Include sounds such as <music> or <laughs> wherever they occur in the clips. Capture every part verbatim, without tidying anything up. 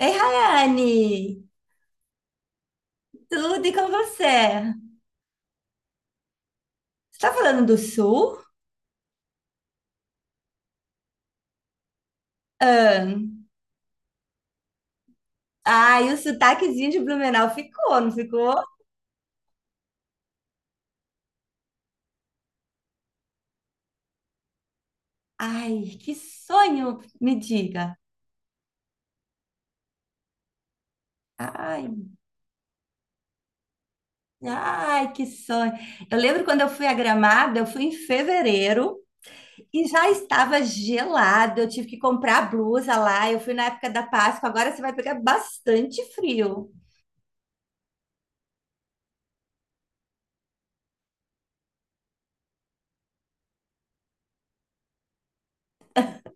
Ei, Rayane! Tudo e com você? Você tá falando do sul? Ah, ai, o sotaquezinho de Blumenau ficou, não ficou? Ai, que sonho, me diga. Ai, ai, que sonho. Eu lembro quando eu fui a Gramado, eu fui em fevereiro e já estava gelado. Eu tive que comprar blusa lá. Eu fui na época da Páscoa. Agora você vai pegar bastante frio.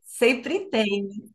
Sempre tem.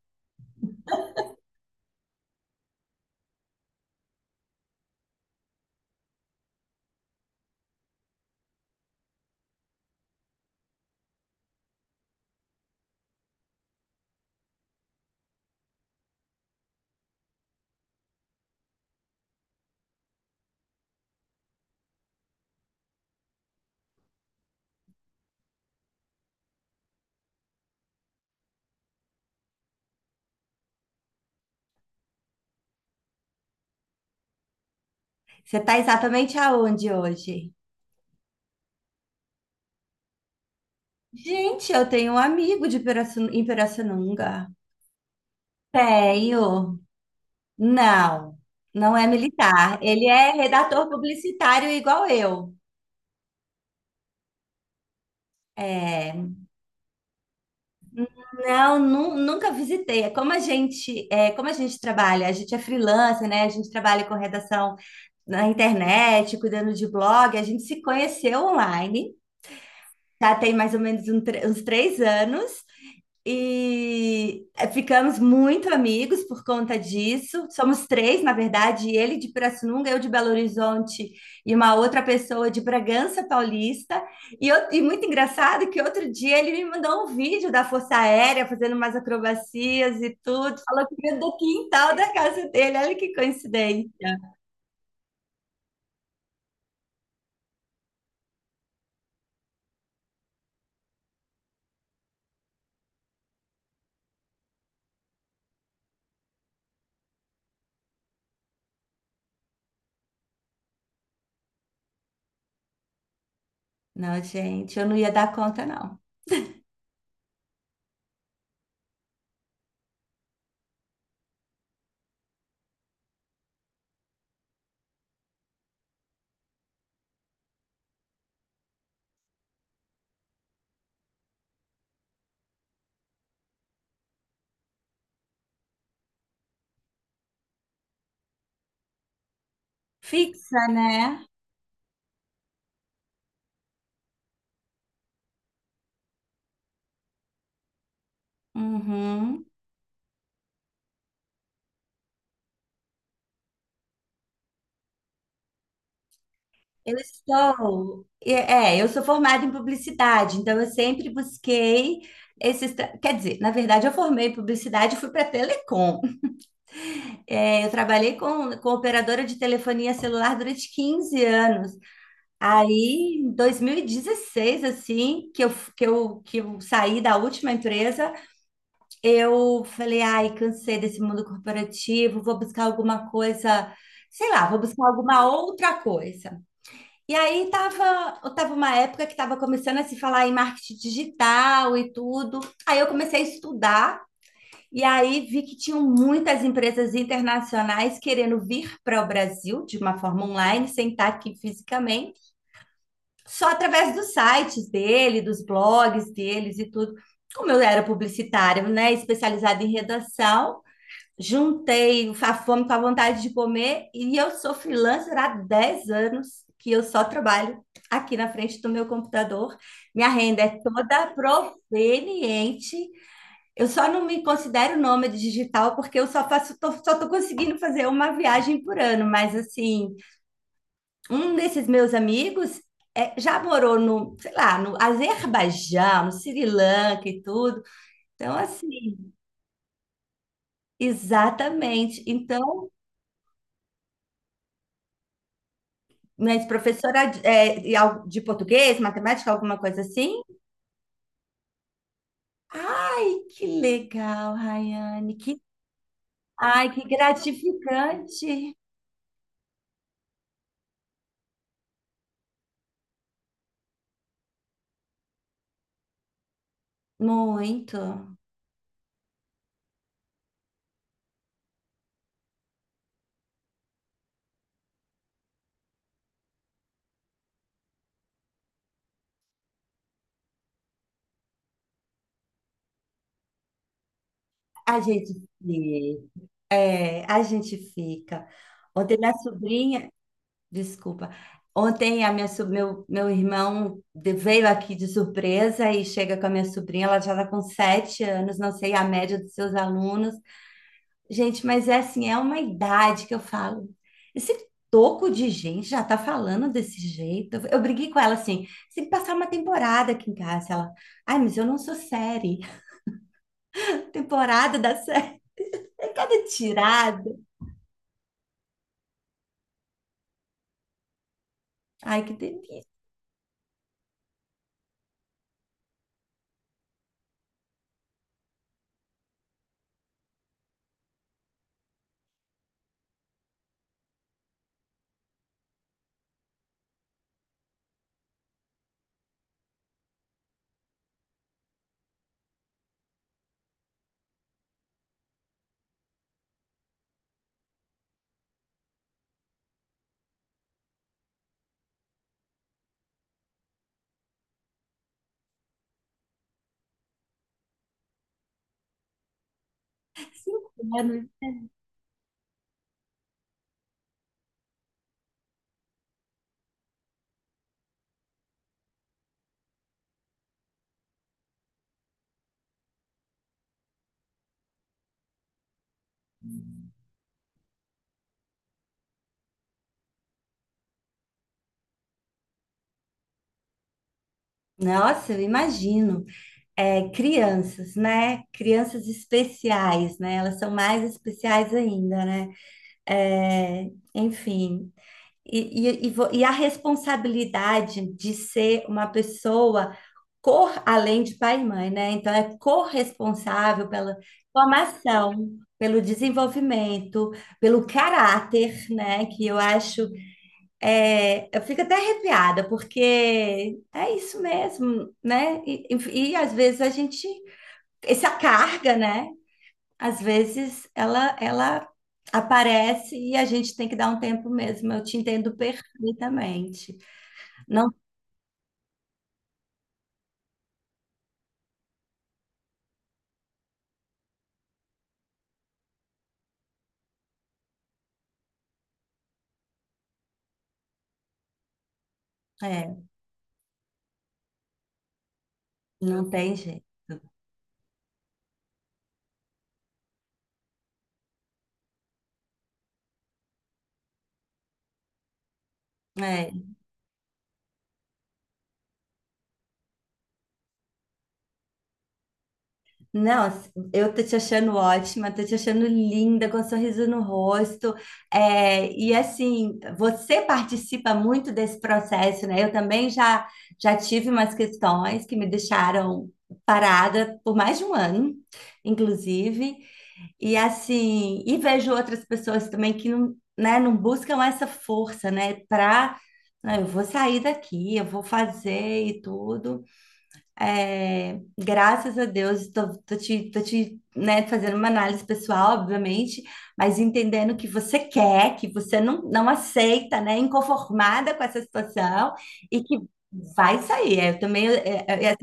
Você está exatamente aonde hoje? Gente, eu tenho um amigo de Pirassu- em Pirassununga. Tenho. Não, não é militar. Ele é redator publicitário igual eu. É, não, nu- nunca visitei. É como a gente, é como a gente trabalha. A gente é freelancer, né? A gente trabalha com redação na internet, cuidando de blog. A gente se conheceu online. Já tem mais ou menos um tre- uns três anos. E eh, ficamos muito amigos por conta disso. Somos três, na verdade, ele de Pirassununga, eu de Belo Horizonte e uma outra pessoa de Bragança Paulista. E, eu- e muito engraçado que outro dia ele me mandou um vídeo da Força Aérea fazendo umas acrobacias e tudo. Falou que veio do quintal da casa dele. Olha que coincidência. Não, gente, eu não ia dar conta, não. Fixa, né? Uhum. Eu estou, é, é, eu sou formada em publicidade, então eu sempre busquei esses, tra- quer dizer, na verdade eu formei em publicidade e fui para telecom. É, eu trabalhei com, com operadora de telefonia celular durante quinze anos. Aí, em dois mil e dezesseis, assim, que eu, que eu, que eu saí da última empresa, eu falei, ai, cansei desse mundo corporativo, vou buscar alguma coisa, sei lá, vou buscar alguma outra coisa. E aí tava, tava uma época que estava começando a se falar em marketing digital e tudo. Aí eu comecei a estudar e aí vi que tinham muitas empresas internacionais querendo vir para o Brasil de uma forma online, sem estar aqui fisicamente, só através dos sites dele, dos blogs deles e tudo. Como eu era publicitária, né, especializada em redação, juntei a fome com a vontade de comer e eu sou freelancer há dez anos que eu só trabalho aqui na frente do meu computador. Minha renda é toda proveniente. Eu só não me considero nômade digital porque eu só faço, tô- só tô conseguindo fazer uma viagem por ano, mas assim, um desses meus amigos é, já morou no, sei lá, no Azerbaijão, no Sri Lanka e tudo. Então, assim, exatamente. Então, mas professora de é, e al- de português, matemática, alguma coisa assim? Ai, que legal, Rayane. Que, ai, que gratificante. Muito. A gente fica. É, a gente fica. Ontem minha sobrinha, desculpa. Ontem a minha, so- meu, meu irmão de- veio aqui de surpresa e chega com a minha sobrinha, ela já está com sete anos, não sei a média dos seus alunos. Gente, mas é assim, é uma idade que eu falo. Esse toco de gente já tá falando desse jeito. Eu briguei com ela assim, você tem que passar uma temporada aqui em casa. Ela, ai, mas eu não sou série. <laughs> Temporada da série. <laughs> É cada tirada. Ai, que delícia. Cinco anos. né? Nossa, eu imagino. É, crianças, né? Crianças especiais, né? Elas são mais especiais ainda, né? É, enfim, E, e, e vo- e a responsabilidade de ser uma pessoa cor, além de pai e mãe, né? Então, é corresponsável pela formação, pelo desenvolvimento, pelo caráter, né? Que eu acho. é, eu fico até arrepiada, porque é isso mesmo, né? E, e, e às vezes a gente. Essa carga, né? às vezes ela ela aparece e a gente tem que dar um tempo mesmo. Eu te entendo perfeitamente. Não é, não tem jeito. É. Não, assim, eu tô te achando ótima, tô te achando linda, com um sorriso no rosto. É, e assim, você participa muito desse processo, né? Eu também já já tive umas questões que me deixaram parada por mais de um ano, inclusive. E assim, e vejo outras pessoas também que não, né, não buscam essa força, né, para eu vou sair daqui, eu vou fazer e tudo. É, graças a Deus, tô, tô te, tô te, né, fazendo uma análise pessoal, obviamente, mas entendendo que você quer, que você não, não aceita, né, inconformada com essa situação e que vai sair. É, Eu também, é, é, é,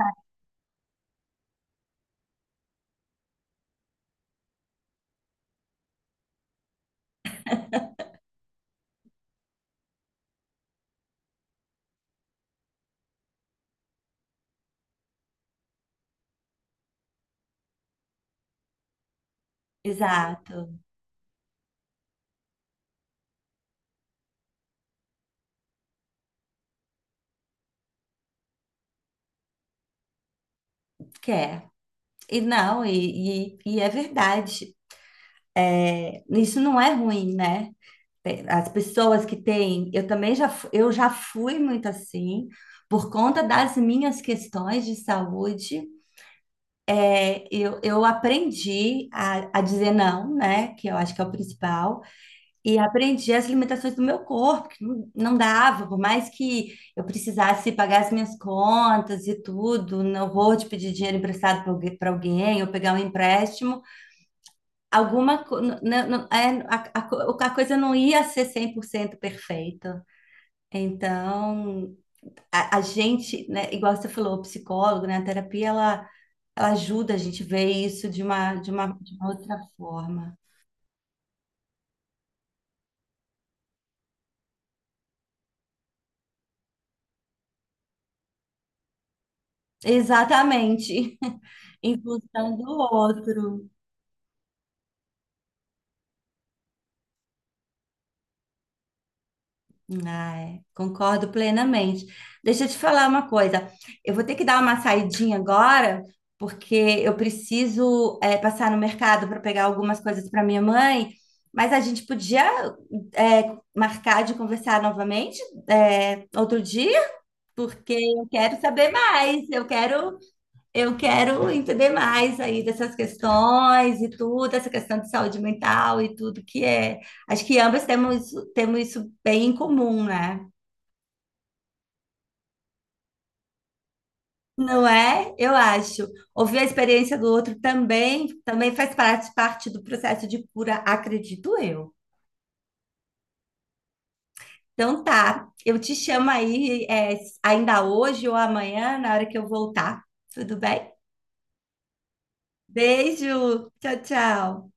exato, quer. E não, e, e, e é verdade. Isso não é ruim, né? Tem- As pessoas que têm, eu também já, fu- eu já fui muito assim, por conta das minhas questões de saúde, é, eu, eu aprendi a, a dizer não, né? Que eu acho que é o principal, e aprendi as limitações do meu corpo, que não, não dava, por mais que eu precisasse pagar as minhas contas e tudo, não vou te pedir dinheiro emprestado para alguém ou pegar um empréstimo alguma co- n- n- n- é, a, a co- a coisa não ia ser cem por cento perfeita. Então, a, a gente, né, igual você falou, o psicólogo, né, a terapia, ela, ela, ajuda a gente ver isso de uma, de uma, de uma outra forma. Exatamente, <laughs> em função do outro. Ai, concordo plenamente. Deixa eu te falar uma coisa. Eu vou ter que dar uma saidinha agora, porque eu preciso, eh, passar no mercado para pegar algumas coisas para minha mãe, mas a gente podia, eh, marcar de conversar novamente, eh, outro dia, porque eu quero saber mais, eu quero, eu quero entender mais aí dessas questões e tudo, essa questão de saúde mental e tudo que é. Acho que ambas temos, temos isso bem em comum, né? Não é? Eu acho. Ouvir a experiência do outro também, também faz parte, parte do processo de cura, acredito eu. Então tá, eu te chamo aí, é, ainda hoje ou amanhã, na hora que eu voltar. Tudo bem? Beijo, tchau, tchau.